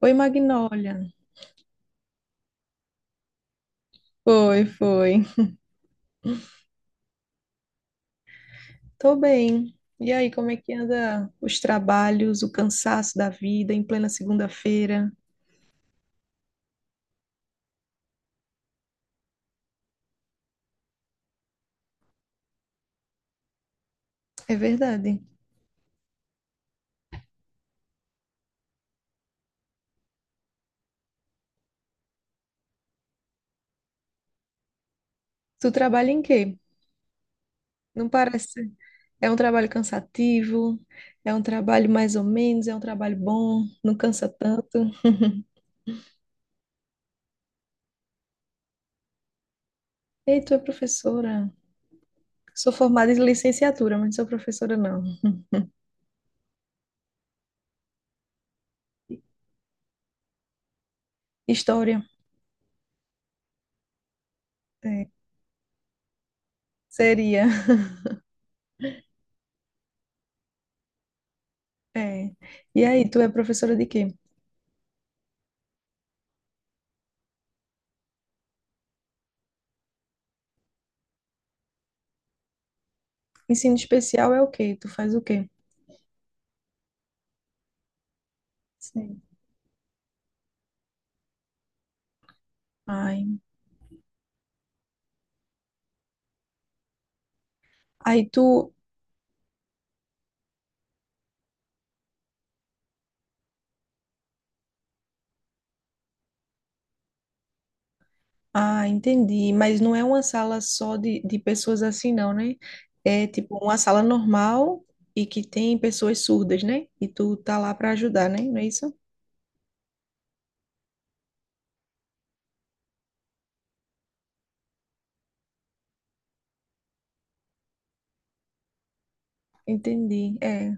Oi, Magnólia. Foi, foi. Tô bem. E aí, como é que anda os trabalhos, o cansaço da vida em plena segunda-feira? É verdade. Tu trabalha em quê? Não parece. É um trabalho cansativo, é um trabalho mais ou menos, é um trabalho bom, não cansa tanto. Ei, tu é professora. Sou formada em licenciatura, mas não sou professora, não. História. É, seria. É. E aí, tu é professora de quê? Ensino especial é o quê? Tu faz o quê? Sim. Ai. Aí tu. Ah, entendi. Mas não é uma sala só de pessoas assim, não, né? É tipo uma sala normal e que tem pessoas surdas, né? E tu tá lá para ajudar, né? Não é isso? Entendi. É.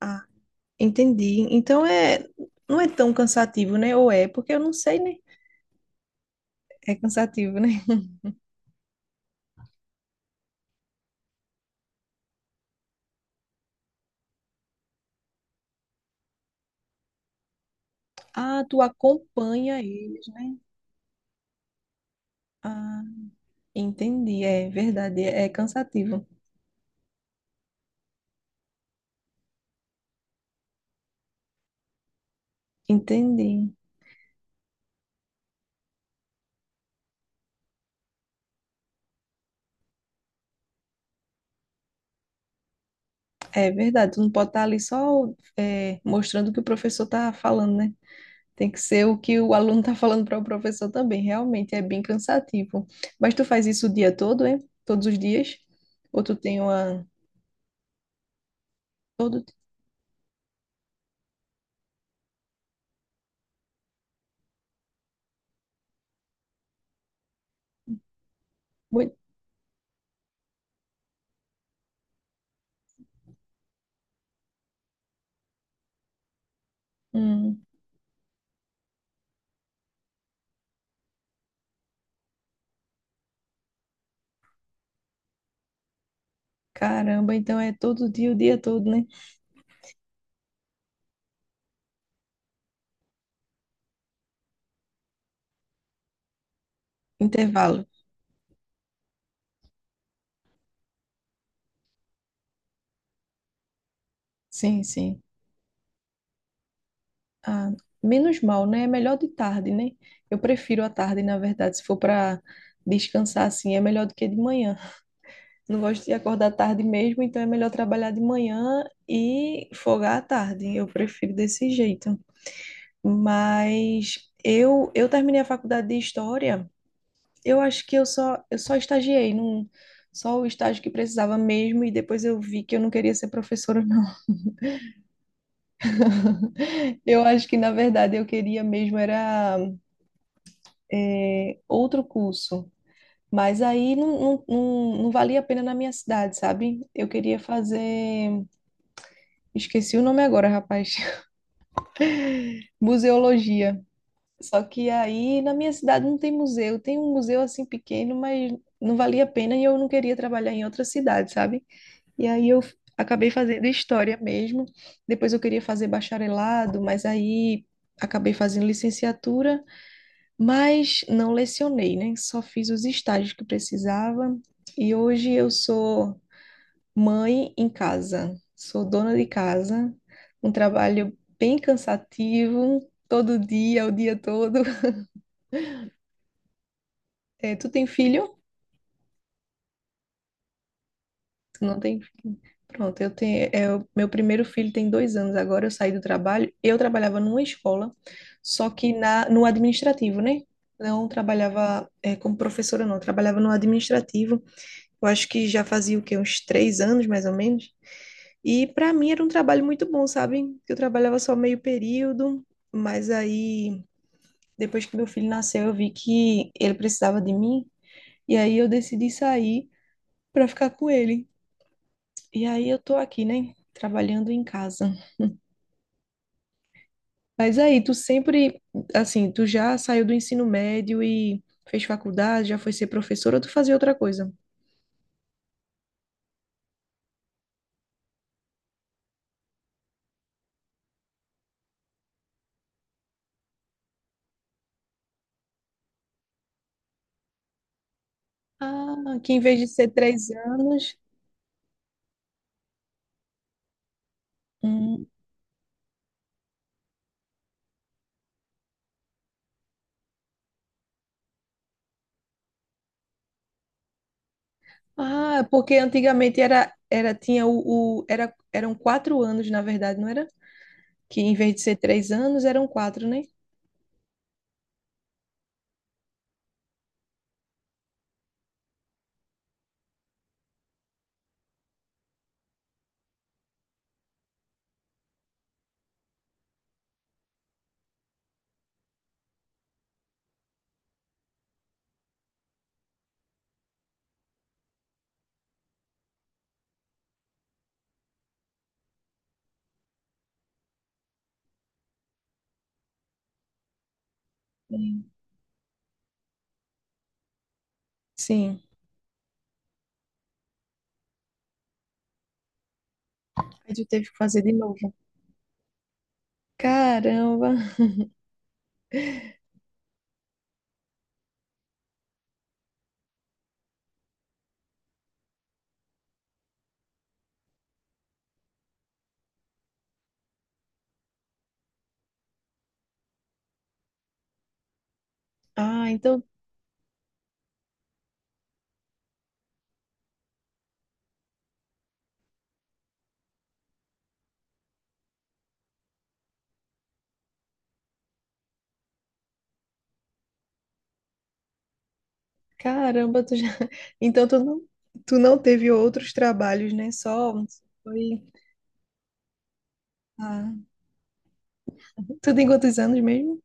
Ah, entendi. Então é. Não é tão cansativo, né? Ou é? Porque eu não sei, né? É cansativo, né? Ah, tu acompanha eles, né? Ah, entendi. É verdade. É cansativo. Entendi. É verdade, tu não pode estar ali só mostrando o que o professor está falando, né? Tem que ser o que o aluno está falando para o professor também. Realmente é bem cansativo. Mas tu faz isso o dia todo, hein? Todos os dias? Ou tu tem uma. Todo. Muito. Hum, caramba, então é todo dia, o dia todo, né? Intervalo. Sim, sim. Ah, menos mal, né? É melhor de tarde, né? Eu prefiro a tarde, na verdade, se for para descansar assim, é melhor do que de manhã. Não gosto de acordar tarde mesmo, então é melhor trabalhar de manhã e folgar à tarde. Eu prefiro desse jeito. Mas eu terminei a faculdade de história. Eu acho que eu só estagiei num só o estágio que precisava mesmo e depois eu vi que eu não queria ser professora, não. Eu acho que na verdade eu queria mesmo era outro curso. Mas aí não, não, não, não valia a pena na minha cidade, sabe? Eu queria fazer. Esqueci o nome agora, rapaz. Museologia. Só que aí na minha cidade não tem museu, tem um museu assim pequeno, mas não valia a pena e eu não queria trabalhar em outra cidade, sabe? E aí eu acabei fazendo história mesmo. Depois eu queria fazer bacharelado, mas aí acabei fazendo licenciatura, mas não lecionei, né? Só fiz os estágios que precisava. E hoje eu sou mãe em casa, sou dona de casa, um trabalho bem cansativo, todo dia, o dia todo. É, tu tem filho? Tu não tem filho? Pronto, eu tenho. O meu primeiro filho tem 2 anos. Agora eu saí do trabalho. Eu trabalhava numa escola, só que na, no administrativo, né? Não trabalhava, é, como professora, não. Eu trabalhava no administrativo. Eu acho que já fazia o quê? Uns 3 anos, mais ou menos. E para mim era um trabalho muito bom, sabe? Eu trabalhava só meio período, mas aí depois que meu filho nasceu, eu vi que ele precisava de mim, e aí eu decidi sair para ficar com ele. E aí eu tô aqui, né, trabalhando em casa. Mas aí assim, tu já saiu do ensino médio e fez faculdade, já foi ser professora, ou tu fazia outra coisa? Ah, que em vez de ser três anos, hum, Ah, porque antigamente era tinha eram 4 anos, na verdade, não era? Que em vez de ser três anos, eram quatro, né? Sim. Sim. Aí tu teve que fazer de novo. Caramba. Ah, então, caramba, tu já... Então tu não teve outros trabalhos, né? Só foi... Ah, tu tem quantos anos mesmo?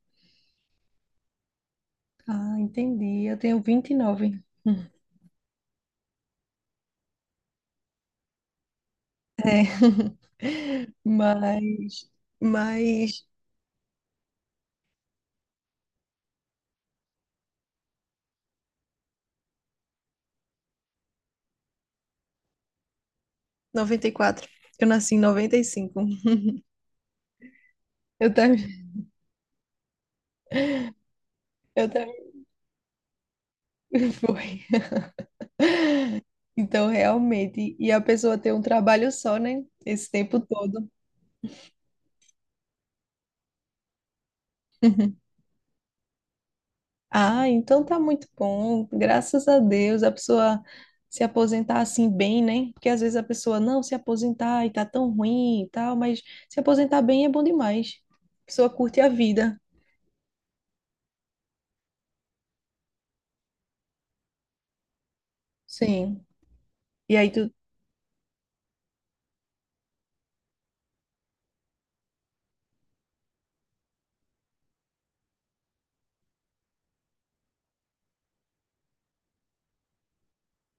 Ah, entendi. Eu tenho 29. Mas, mas, noventa e quatro. Eu nasci em noventa e cinco. Eu também, eu também. Foi. Então, realmente, e a pessoa tem um trabalho só, né? Esse tempo todo. Ah, então tá muito bom. Graças a Deus, a pessoa se aposentar assim bem, né? Porque às vezes a pessoa não se aposentar e tá tão ruim e tal, mas se aposentar bem é bom demais. A pessoa curte a vida. Sim. E aí tu.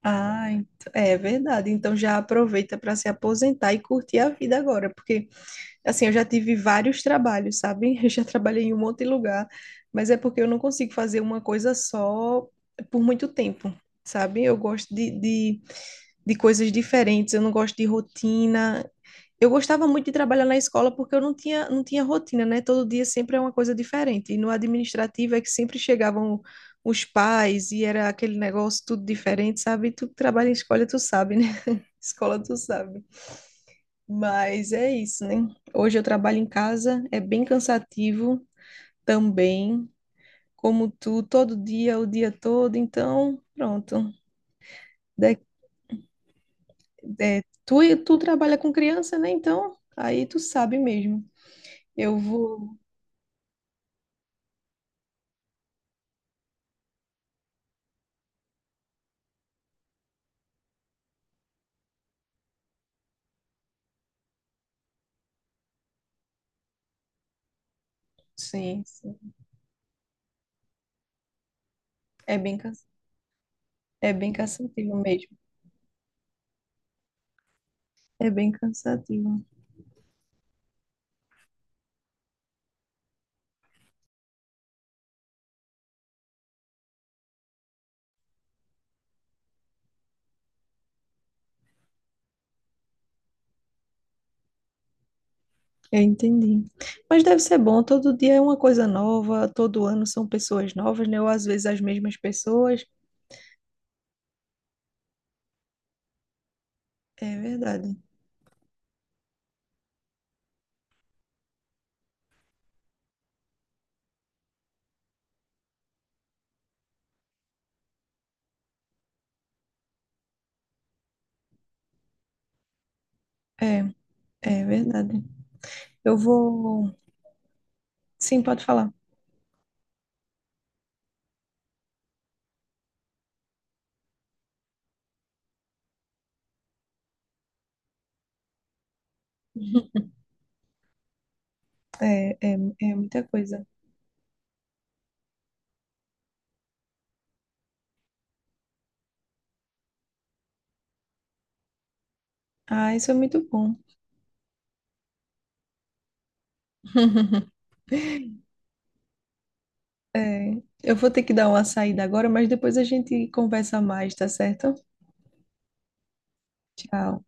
Ah, ent- é verdade. Então já aproveita para se aposentar e curtir a vida agora, porque Assim, eu já tive vários trabalhos, sabe? Eu já trabalhei em um monte de lugar, mas é porque eu não consigo fazer uma coisa só por muito tempo, sabe? Eu gosto de, de coisas diferentes, eu não gosto de rotina. Eu gostava muito de trabalhar na escola porque eu não tinha, não tinha rotina, né? Todo dia sempre é uma coisa diferente. E no administrativo é que sempre chegavam os pais e era aquele negócio tudo diferente, sabe? Tu que trabalha em escola, tu sabe, né? Escola, tu sabe. Mas é isso, né? Hoje eu trabalho em casa, é bem cansativo também, como tu, todo dia, o dia todo, então, pronto. De- tu trabalha com criança, né? Então, aí tu sabe mesmo. Eu vou. Sim, sim. É bem, cansa- é bem cansativo mesmo. É bem cansativo. Eu entendi. Mas deve ser bom, todo dia é uma coisa nova, todo ano são pessoas novas, né? Ou às vezes as mesmas pessoas. É verdade. É, é verdade. Eu vou. Sim, pode falar. É, é, é muita coisa. Ah, isso é muito bom. É, eu vou ter que dar uma saída agora, mas depois a gente conversa mais, tá certo? Tchau.